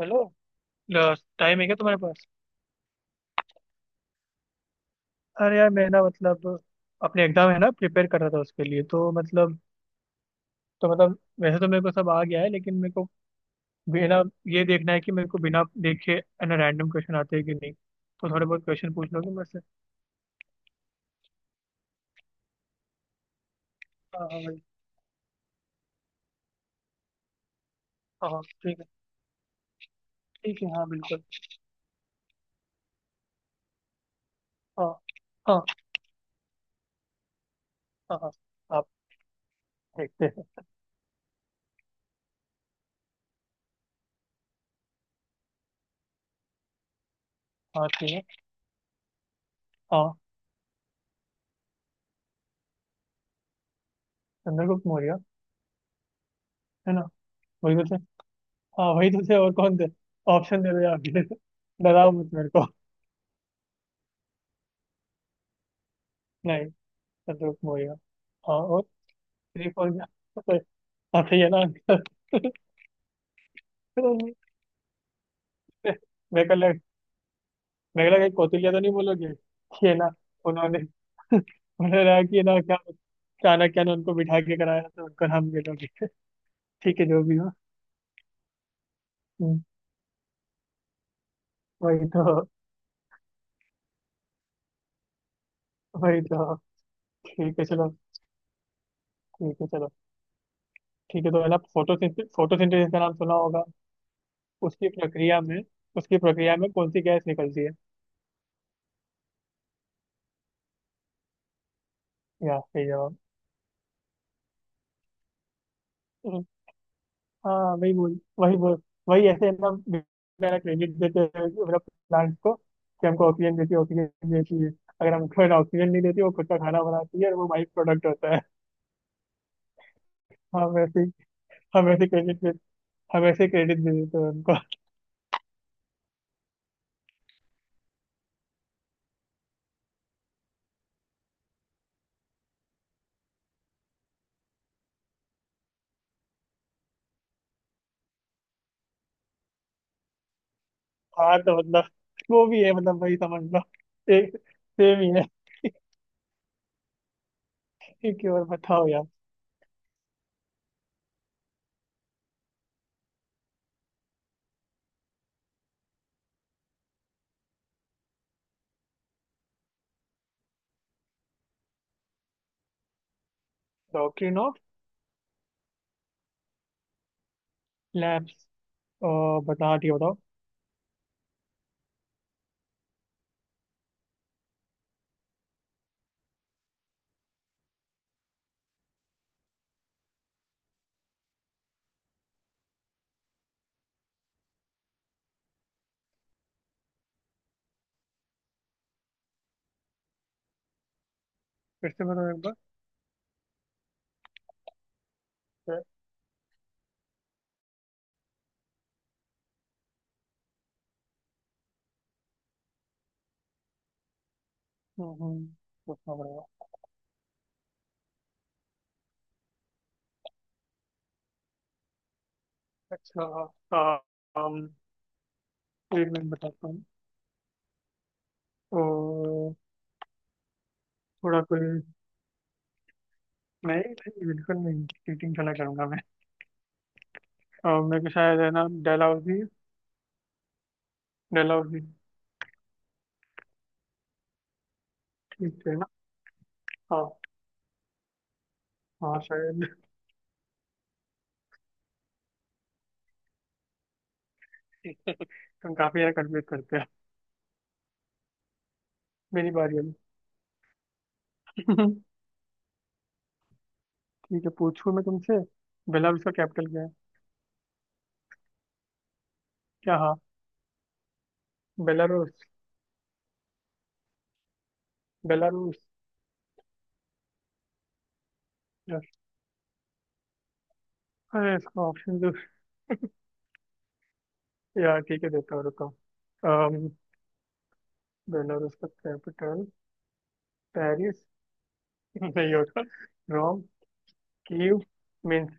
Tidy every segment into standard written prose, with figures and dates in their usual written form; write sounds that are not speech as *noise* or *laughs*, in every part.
Hello. Time है क्या तुम्हारे पास? अरे यार मैं ना मतलब अपने एग्जाम है ना प्रिपेयर कर रहा था उसके लिए तो मतलब वैसे तो मेरे को सब आ गया है लेकिन मेरे को बिना, ये देखना है कि मेरे को बिना देखे है ना रैंडम क्वेश्चन आते हैं कि नहीं। तो थोड़े बहुत क्वेश्चन पूछ लोगे मेरे से? हाँ हाँ भाई। हाँ हाँ ठीक है। ठीक है हाँ बिल्कुल। हाँ हाँ। हाँ हाँ। आप? देखते हैं। हाँ ठीक है। हाँ। चंद्रगुप्त मौर्य है ना? वही तो थे। हाँ वही तो थे, और कौन थे? ऑप्शन दे दो यार *laughs* डराओ मत मेरे को। नहीं। संदूक मोया। हाँ। और थ्री फोर। हाँ सही है ना *laughs* अंकल। पता नहीं। मेरे को लग मेरे को लगा कौटिल्य तो नहीं बोलोगे ये ना। उन्होंने *laughs* उन्होंने रहा कि ना क्या, चाणक्य ने उनको बिठा के कराया तो उनको नाम ले लोगे। *laughs* ठीक है जो भी हो। हम्म, वही तो। वही तो। ठीक है चलो। ठीक है चलो। ठीक है तो है ना फोटोसिंथेसिस, फोटोसिंथेसिस का नाम सुना होगा। उसकी प्रक्रिया में, उसकी प्रक्रिया में कौन सी गैस निकलती है? या सही जवाब। हाँ वही बोल, वही बोल। वही ऐसे है ना। मेरा क्रेडिट देते हैं मतलब प्लांट को कि हमको ऑक्सीजन देती है, ऑक्सीजन देती है। अगर हमको है ना ऑक्सीजन नहीं देती वो, खुद का खाना बनाती है और वो बाई प्रोडक्ट होता है। हम ऐसे ही- हम ऐसे क्रेडिट दे हम ऐसे क्रेडिट दे देते हैं उनको। हाँ तो मतलब वो भी है, मतलब वही समझ लो। एक सेम ही है। कि और बताओ यार। Doctrine of lapse. बता दिया बताओ। फिर से बताओ एक बार। हम्म हम्म, पूछना पड़ेगा। अच्छा। हाँ। um, एक मिनट बताता हूँ। तो थोड़ा कोई, नहीं नहीं, बिल्कुल नहीं, चीटिंग थोड़ा करूंगा मैं। और मेरे को शायद है ना, डेलहाउजी। डेलहाउजी। ठीक है ना? हाँ। हाँ शायद। तुम काफी यार कंफ्यूज करते हो। मेरी बारी अब। *laughs* ठीक है पूछूं मैं तुमसे? बेलारूस का कैपिटल क्या है? क्या हाँ? बेलारूस। बेलारूस। यस। अरे इसका ऑप्शन तो, यार ठीक है देता हूँ रुको। अम, बेलारूस का कैपिटल। पेरिस। *laughs* नहीं होगा। रोम। कीव। मिन्स।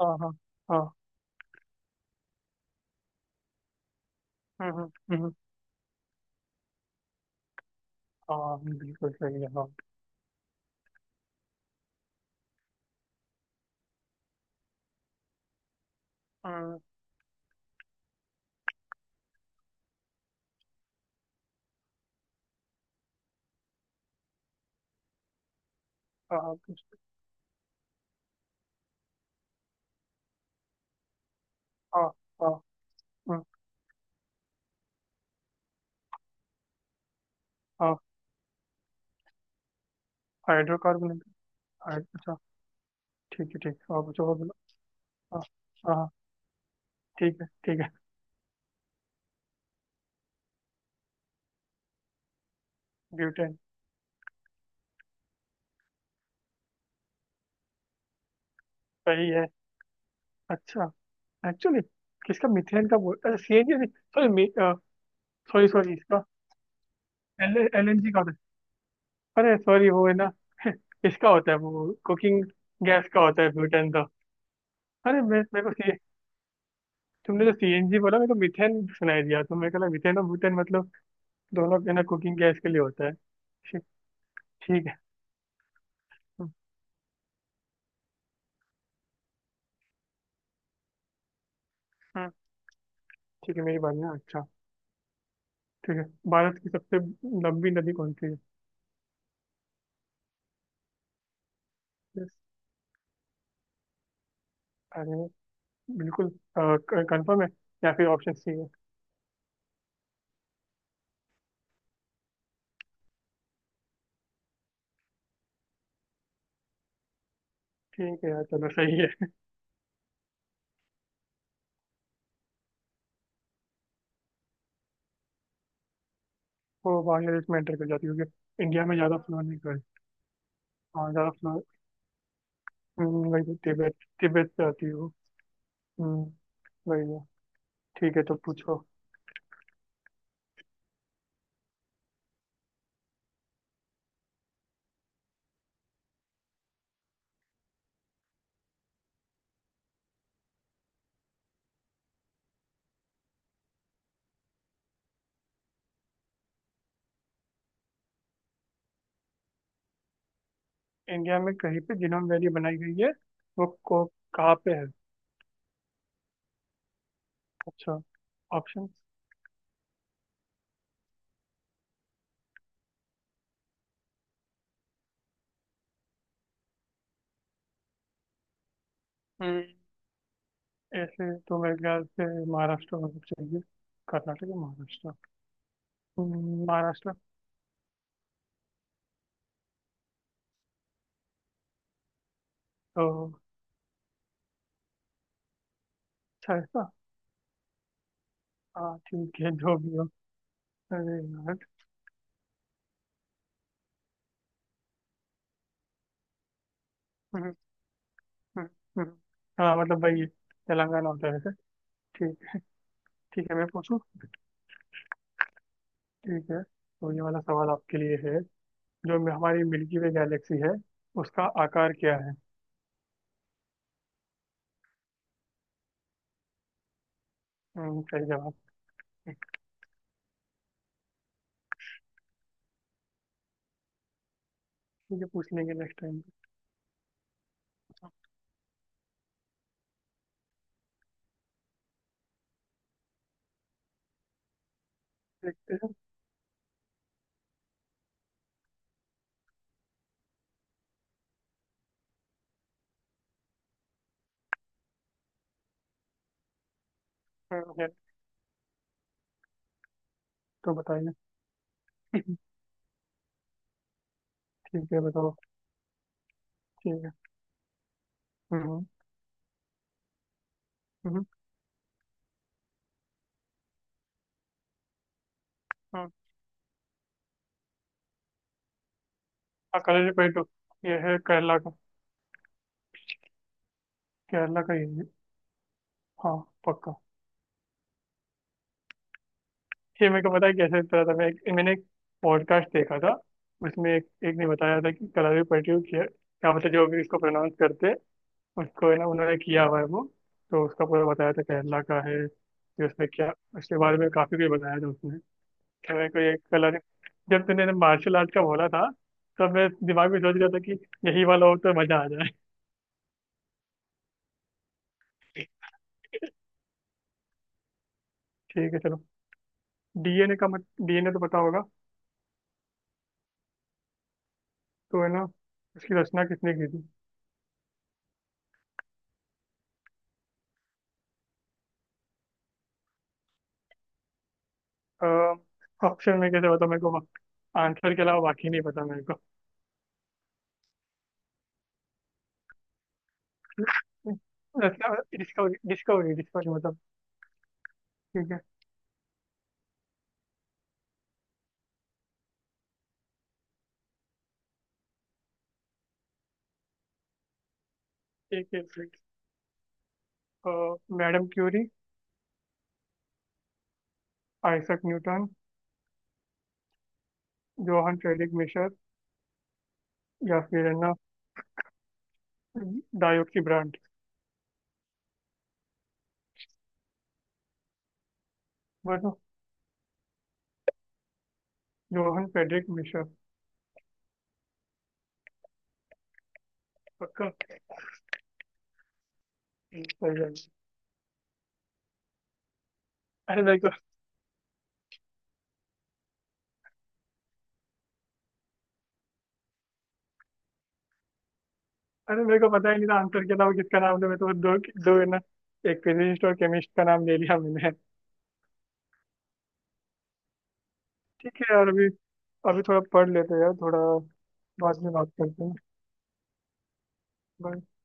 हाँ हाँ हाँ। हम्म हम्म, हम्म, हाँ बिल्कुल सही है हाँ। अ, अ, कुछ- अ, अ, अ, अ, हाइड्रोकार्बन। हाइ- अच्छा। ठीक है ठीक है, और पूछो और बोलो। हाँ हाँ हाँ, ठीक है ठीक है। ब्यूटेन। सही है। अच्छा। एक्चुअली किसका? मिथेन का बोल अच्छा? सीएनजी। Sorry sorry sorry. इसका एल, एलएनजी का होता है। अरे सॉरी, वो है ना *laughs* इसका होता है वो, कुकिंग गैस का होता है ब्यूटेन तो। अरे मैं मेरे को सी तुमने जो सीएनजी बोला मेरे को मिथेन सुनाई दिया, तो मेरे को लगा मिथेन और ब्यूटेन दोनों के ना कुकिंग गैस के लिए होता है। ठीक। ठीक है। हाँ ठीक है मेरी बात ना, अच्छा ठीक है। भारत की सबसे लंबी नदी कौन सी है? यस। अरे बिल्कुल। कंफर्म है या फिर ऑप्शन सी है? ठीक है यार चलो सही है। वो बांग्लादेश में एंटर कर जाती है क्योंकि इंडिया में ज़्यादा फ्लो नहीं कर, हाँ ज़्यादा फ्लो, वही तो तिब्बत, तिब्बत से आती है वो। हम्म, वही है। ठीक है तो पूछो। इंडिया में कहीं पे जिनोम वैली बनाई गई है? वो को, कहाँ पे है? अच्छा। ऑप्शन? ऐसे तो मेरे ख्याल से महाराष्ट्र में सब चाहिए। कर्नाटक या महाराष्ट्र। महाराष्ट्र। तो अच्छा है इसका? हाँ ठीक है जो भी हो। अरे यार। हम्म, हम्म, हम्म। हाँ मतलब भाई, तेलंगाना होता है वैसे। ठीक। ठीक है मैं पूछूं? ठीक है तो ये वाला सवाल आपके लिए है। जो मे- हमारी मिल्की वे गैलेक्सी है, उसका आकार क्या है? सही जवाब। ठीक है पूछ लेंगे नेक्स्ट टाइम। देखते हैं। है, तो बताइए *laughs* ठीक है बताओ। ठीक है। हम्म हम्म, हम्म। कलरीपयट्टू। ये है केरला का। केरला का ये है। हाँ। पक्का। ये मेरे को पता है। कैसे पता था, मैं एक, मैंने एक पॉडकास्ट देखा था। उसमें एक, एक ने बताया था कि कलरीपयट्टू क्या, क्या मतलब जो भी इसको प्रोनाउंस करते हैं, उसको है ना उन्होंने किया हुआ है वो। तो उसका पूरा बताया था केरला का है कि उसमें क्या, उसके बारे में काफी कुछ बताया था उसने। क्या मेरे को ये कलरी, जब तूने ना मार्शल आर्ट का बोला था, तब मैं दिमाग में सोच रहा था कि यही वाला हो तो मजा आ जाए। ठीक है चलो। डीएनए का मत, डीएनए तो पता होगा, तो है ना इसकी रचना किसने की थी? ऑप्शन में कैसे बताऊँ मेरे को? आंसर के अलावा बाकी नहीं पता मेरे को। रचना, डिस्कवरी डिस्कवरी डिस्कवरी मतलब। ठीक है। एक एक minute. Madame Curie. Isaac Newton. Johann Friedrich Miescher. या फिर है ना डायोड की ब्रांड। बोलो। Johann Friedrich Miescher. पक्का। सही है। अरे मेरे को अरे मेरे को पता ही नहीं था आंसर के अलावा किसका नाम था। मैं तो दो, दो है ना, एक फिजिस्ट और केमिस्ट का नाम ले लिया मैंने। ठीक है यार, अभी अभी थोड़ा पढ़ लेते हैं यार थोड़ा। बाद में बात करते हैं। Bye।